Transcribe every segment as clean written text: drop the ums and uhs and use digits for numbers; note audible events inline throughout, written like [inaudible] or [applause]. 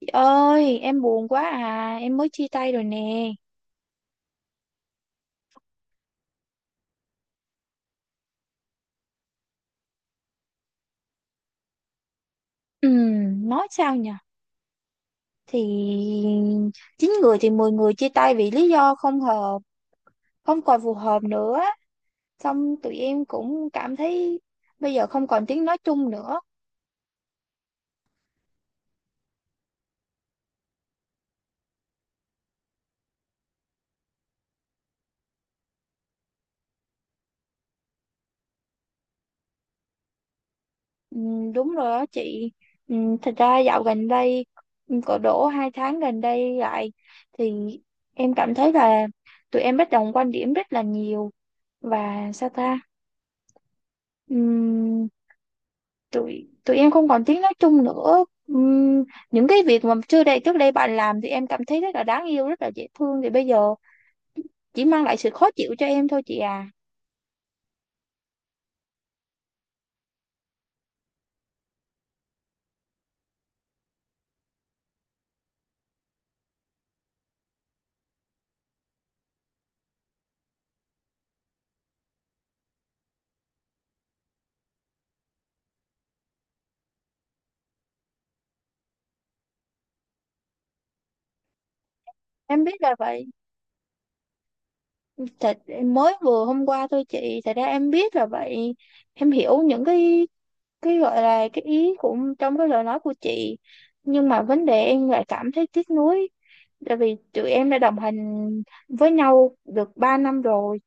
Chị ơi, em buồn quá à, em mới chia tay rồi nè. Nói sao nhở? Thì chín người thì 10 người chia tay vì lý do không hợp, không còn phù hợp nữa. Xong tụi em cũng cảm thấy bây giờ không còn tiếng nói chung nữa. Đúng rồi đó chị. Thật ra dạo gần đây, cỡ đổ 2 tháng gần đây lại thì em cảm thấy là tụi em bất đồng quan điểm rất là nhiều và sao ta? Ừ, tụi tụi em không còn tiếng nói chung nữa. Những cái việc mà trước đây bạn làm thì em cảm thấy rất là đáng yêu, rất là dễ thương, thì bây giờ chỉ mang lại sự khó chịu cho em thôi chị à. Em biết là vậy, thật em mới vừa hôm qua thôi chị. Thật ra em biết là vậy, em hiểu những cái gọi là cái ý của trong cái lời nói của chị, nhưng mà vấn đề em lại cảm thấy tiếc nuối, tại vì tụi em đã đồng hành với nhau được 3 năm rồi.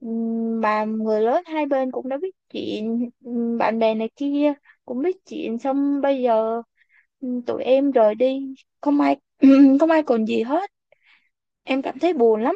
Mà người lớn hai bên cũng đã biết chuyện, bạn bè này kia cũng biết chuyện, xong bây giờ tụi em rời đi, không ai [clears throat] không ai còn gì hết, em cảm thấy buồn lắm.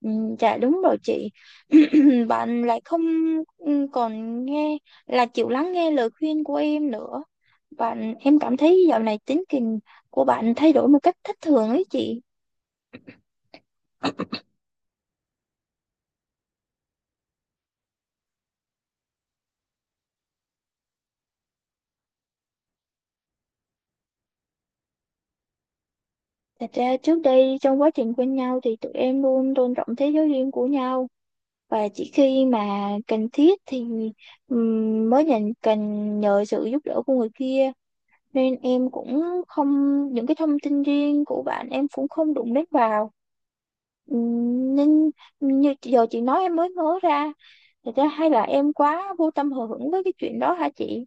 Ừ, dạ đúng rồi chị. [clears throat] Bạn lại không còn nghe, là chịu lắng nghe lời khuyên của em nữa. Bạn em cảm thấy dạo này tính tình của bạn thay đổi một cách thất thường ấy chị. Thật ra trước đây trong quá trình quen nhau thì tụi em luôn tôn trọng thế giới riêng của nhau, và chỉ khi mà cần thiết thì mới cần nhờ sự giúp đỡ của người kia. Nên em cũng không, những cái thông tin riêng của bạn em cũng không đụng đến vào. Ừ, nên như giờ chị nói em mới nhớ ra, thật ra hay là em quá vô tâm hờ hững với cái chuyện đó hả chị?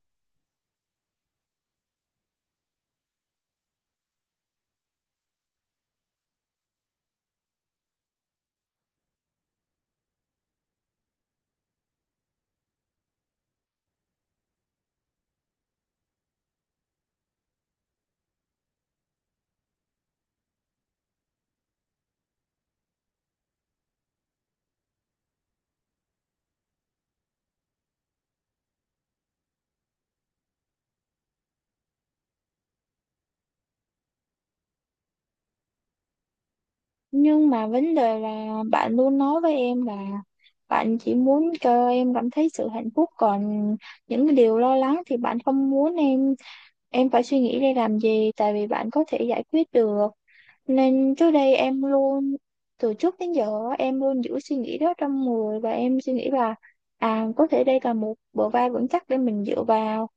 Nhưng mà vấn đề là bạn luôn nói với em là bạn chỉ muốn cho em cảm thấy sự hạnh phúc, còn những cái điều lo lắng thì bạn không muốn em phải suy nghĩ để làm gì, tại vì bạn có thể giải quyết được. Nên trước đây em luôn, từ trước đến giờ á, em luôn giữ suy nghĩ đó trong người, và em suy nghĩ là à, có thể đây là một bờ vai vững chắc để mình dựa vào.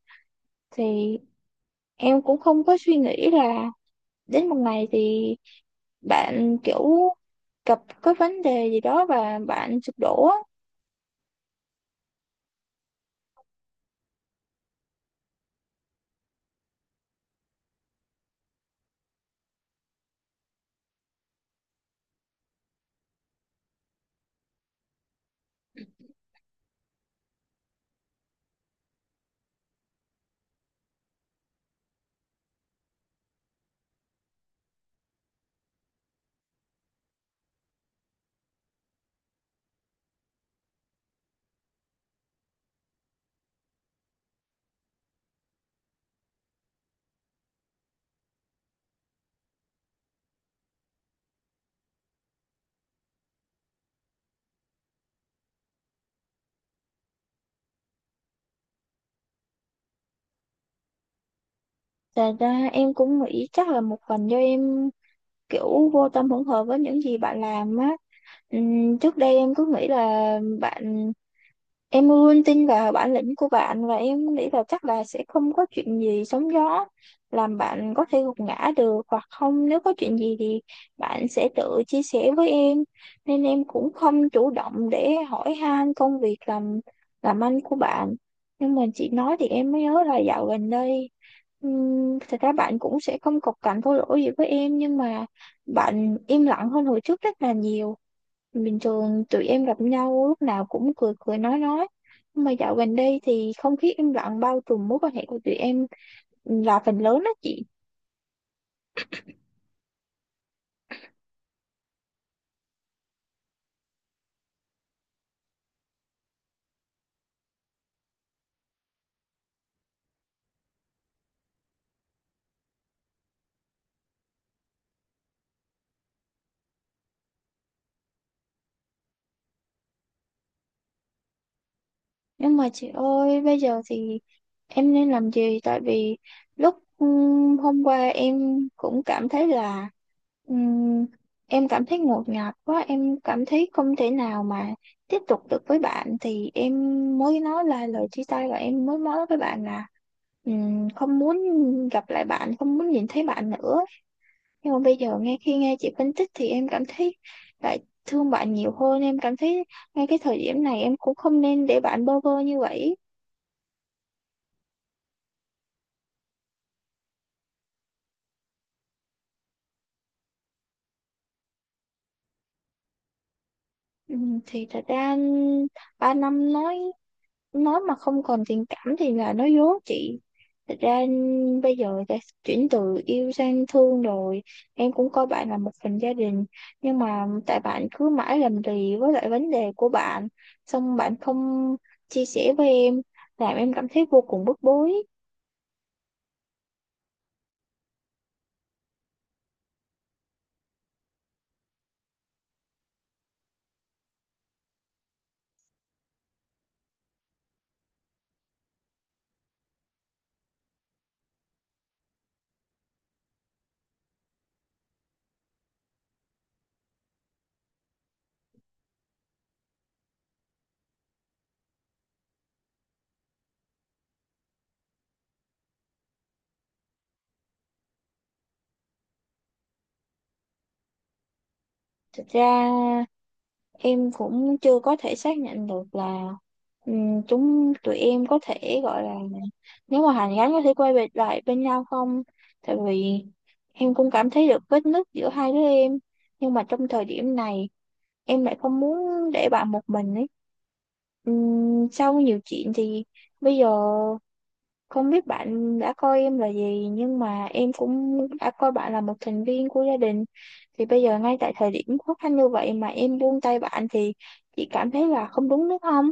Thì em cũng không có suy nghĩ là đến một ngày thì bạn kiểu gặp cái vấn đề gì đó và bạn sụp đổ á. Thành ra em cũng nghĩ chắc là một phần do em kiểu vô tâm hỗn hợp với những gì bạn làm á. Trước đây em cứ nghĩ là bạn, em luôn tin vào bản lĩnh của bạn và em nghĩ là chắc là sẽ không có chuyện gì sóng gió làm bạn có thể gục ngã được, hoặc không, nếu có chuyện gì thì bạn sẽ tự chia sẻ với em. Nên em cũng không chủ động để hỏi han công việc làm ăn của bạn. Nhưng mà chị nói thì em mới nhớ là dạo gần đây thật ra bạn cũng sẽ không cộc cằn thô lỗ gì với em, nhưng mà bạn im lặng hơn hồi trước rất là nhiều. Bình thường tụi em gặp nhau lúc nào cũng cười cười nói, nhưng mà dạo gần đây thì không khí im lặng bao trùm mối quan hệ của tụi em là phần lớn đó chị. Nhưng mà chị ơi, bây giờ thì em nên làm gì? Tại vì lúc hôm qua em cũng cảm thấy là ừm, em cảm thấy ngột ngạt quá, em cảm thấy không thể nào mà tiếp tục được với bạn, thì em mới nói là lời chia tay, và em mới nói với bạn là không muốn gặp lại bạn, không muốn nhìn thấy bạn nữa. Nhưng mà bây giờ khi nghe chị phân tích thì em cảm thấy lại thương bạn nhiều hơn, em cảm thấy ngay cái thời điểm này em cũng không nên để bạn bơ vơ như vậy. Ừ, thì thật ra 3 năm, nói mà không còn tình cảm thì là nói dối chị. Thật ra bây giờ đã chuyển từ yêu sang thương rồi, em cũng coi bạn là một phần gia đình, nhưng mà tại bạn cứ mãi làm lì với lại vấn đề của bạn, xong bạn không chia sẻ với em, làm em cảm thấy vô cùng bức bối. Thật ra em cũng chưa có thể xác nhận được là chúng tụi em có thể gọi là, nếu mà hàn gắn có thể quay về lại bên nhau không. Tại vì em cũng cảm thấy được vết nứt giữa hai đứa em, nhưng mà trong thời điểm này em lại không muốn để bạn một mình ấy. Sau nhiều chuyện thì bây giờ không biết bạn đã coi em là gì, nhưng mà em cũng đã coi bạn là một thành viên của gia đình. Thì bây giờ ngay tại thời điểm khó khăn như vậy mà em buông tay bạn thì chị cảm thấy là không đúng, đúng không?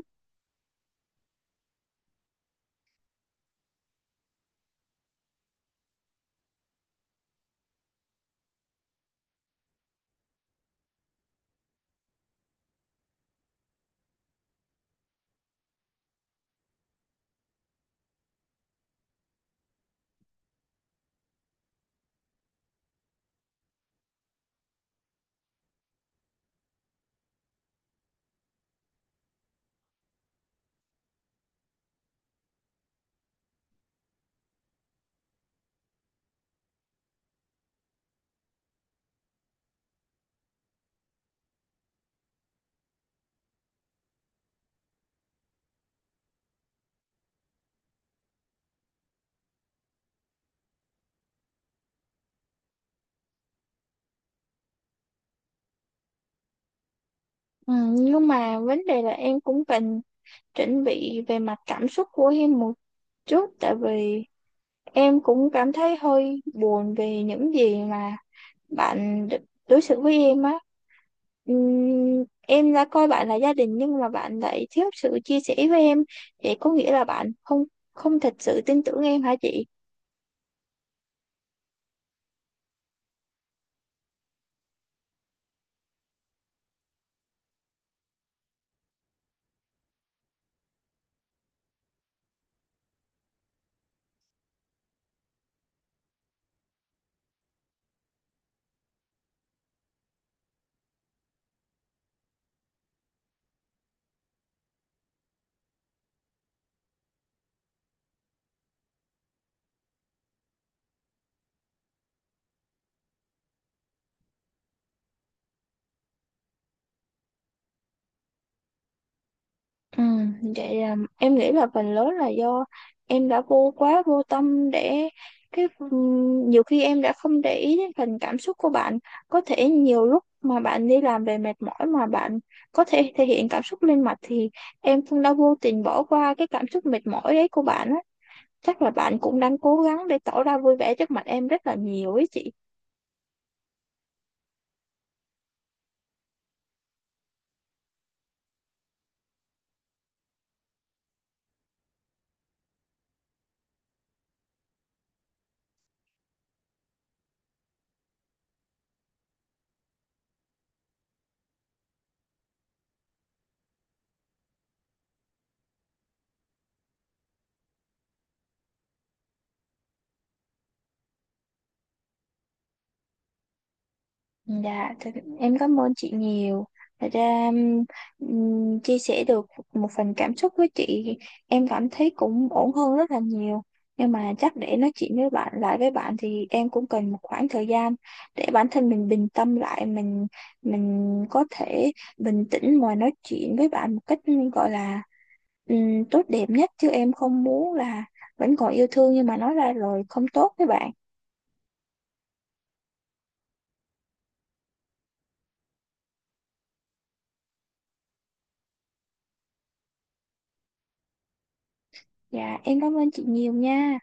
Ừ, nhưng mà vấn đề là em cũng cần chuẩn bị về mặt cảm xúc của em một chút, tại vì em cũng cảm thấy hơi buồn về những gì mà bạn đối xử với em á. Em đã coi bạn là gia đình, nhưng mà bạn lại thiếu sự chia sẻ với em, vậy có nghĩa là bạn không không thật sự tin tưởng em hả chị? Ừ, vậy là em nghĩ là phần lớn là do em đã quá vô tâm để cái nhiều khi em đã không để ý đến phần cảm xúc của bạn. Có thể nhiều lúc mà bạn đi làm về mệt mỏi mà bạn có thể thể hiện cảm xúc lên mặt, thì em cũng đã vô tình bỏ qua cái cảm xúc mệt mỏi đấy của bạn á. Chắc là bạn cũng đang cố gắng để tỏ ra vui vẻ trước mặt em rất là nhiều ấy chị. Dạ, em cảm ơn chị nhiều. Thật ra chia sẻ được một phần cảm xúc với chị, em cảm thấy cũng ổn hơn rất là nhiều, nhưng mà chắc để nói chuyện với bạn lại với bạn thì em cũng cần một khoảng thời gian để bản thân mình bình tâm lại, mình có thể bình tĩnh mà nói chuyện với bạn một cách gọi là tốt đẹp nhất, chứ em không muốn là vẫn còn yêu thương nhưng mà nói ra rồi không tốt với bạn. Dạ em cảm ơn chị nhiều nha.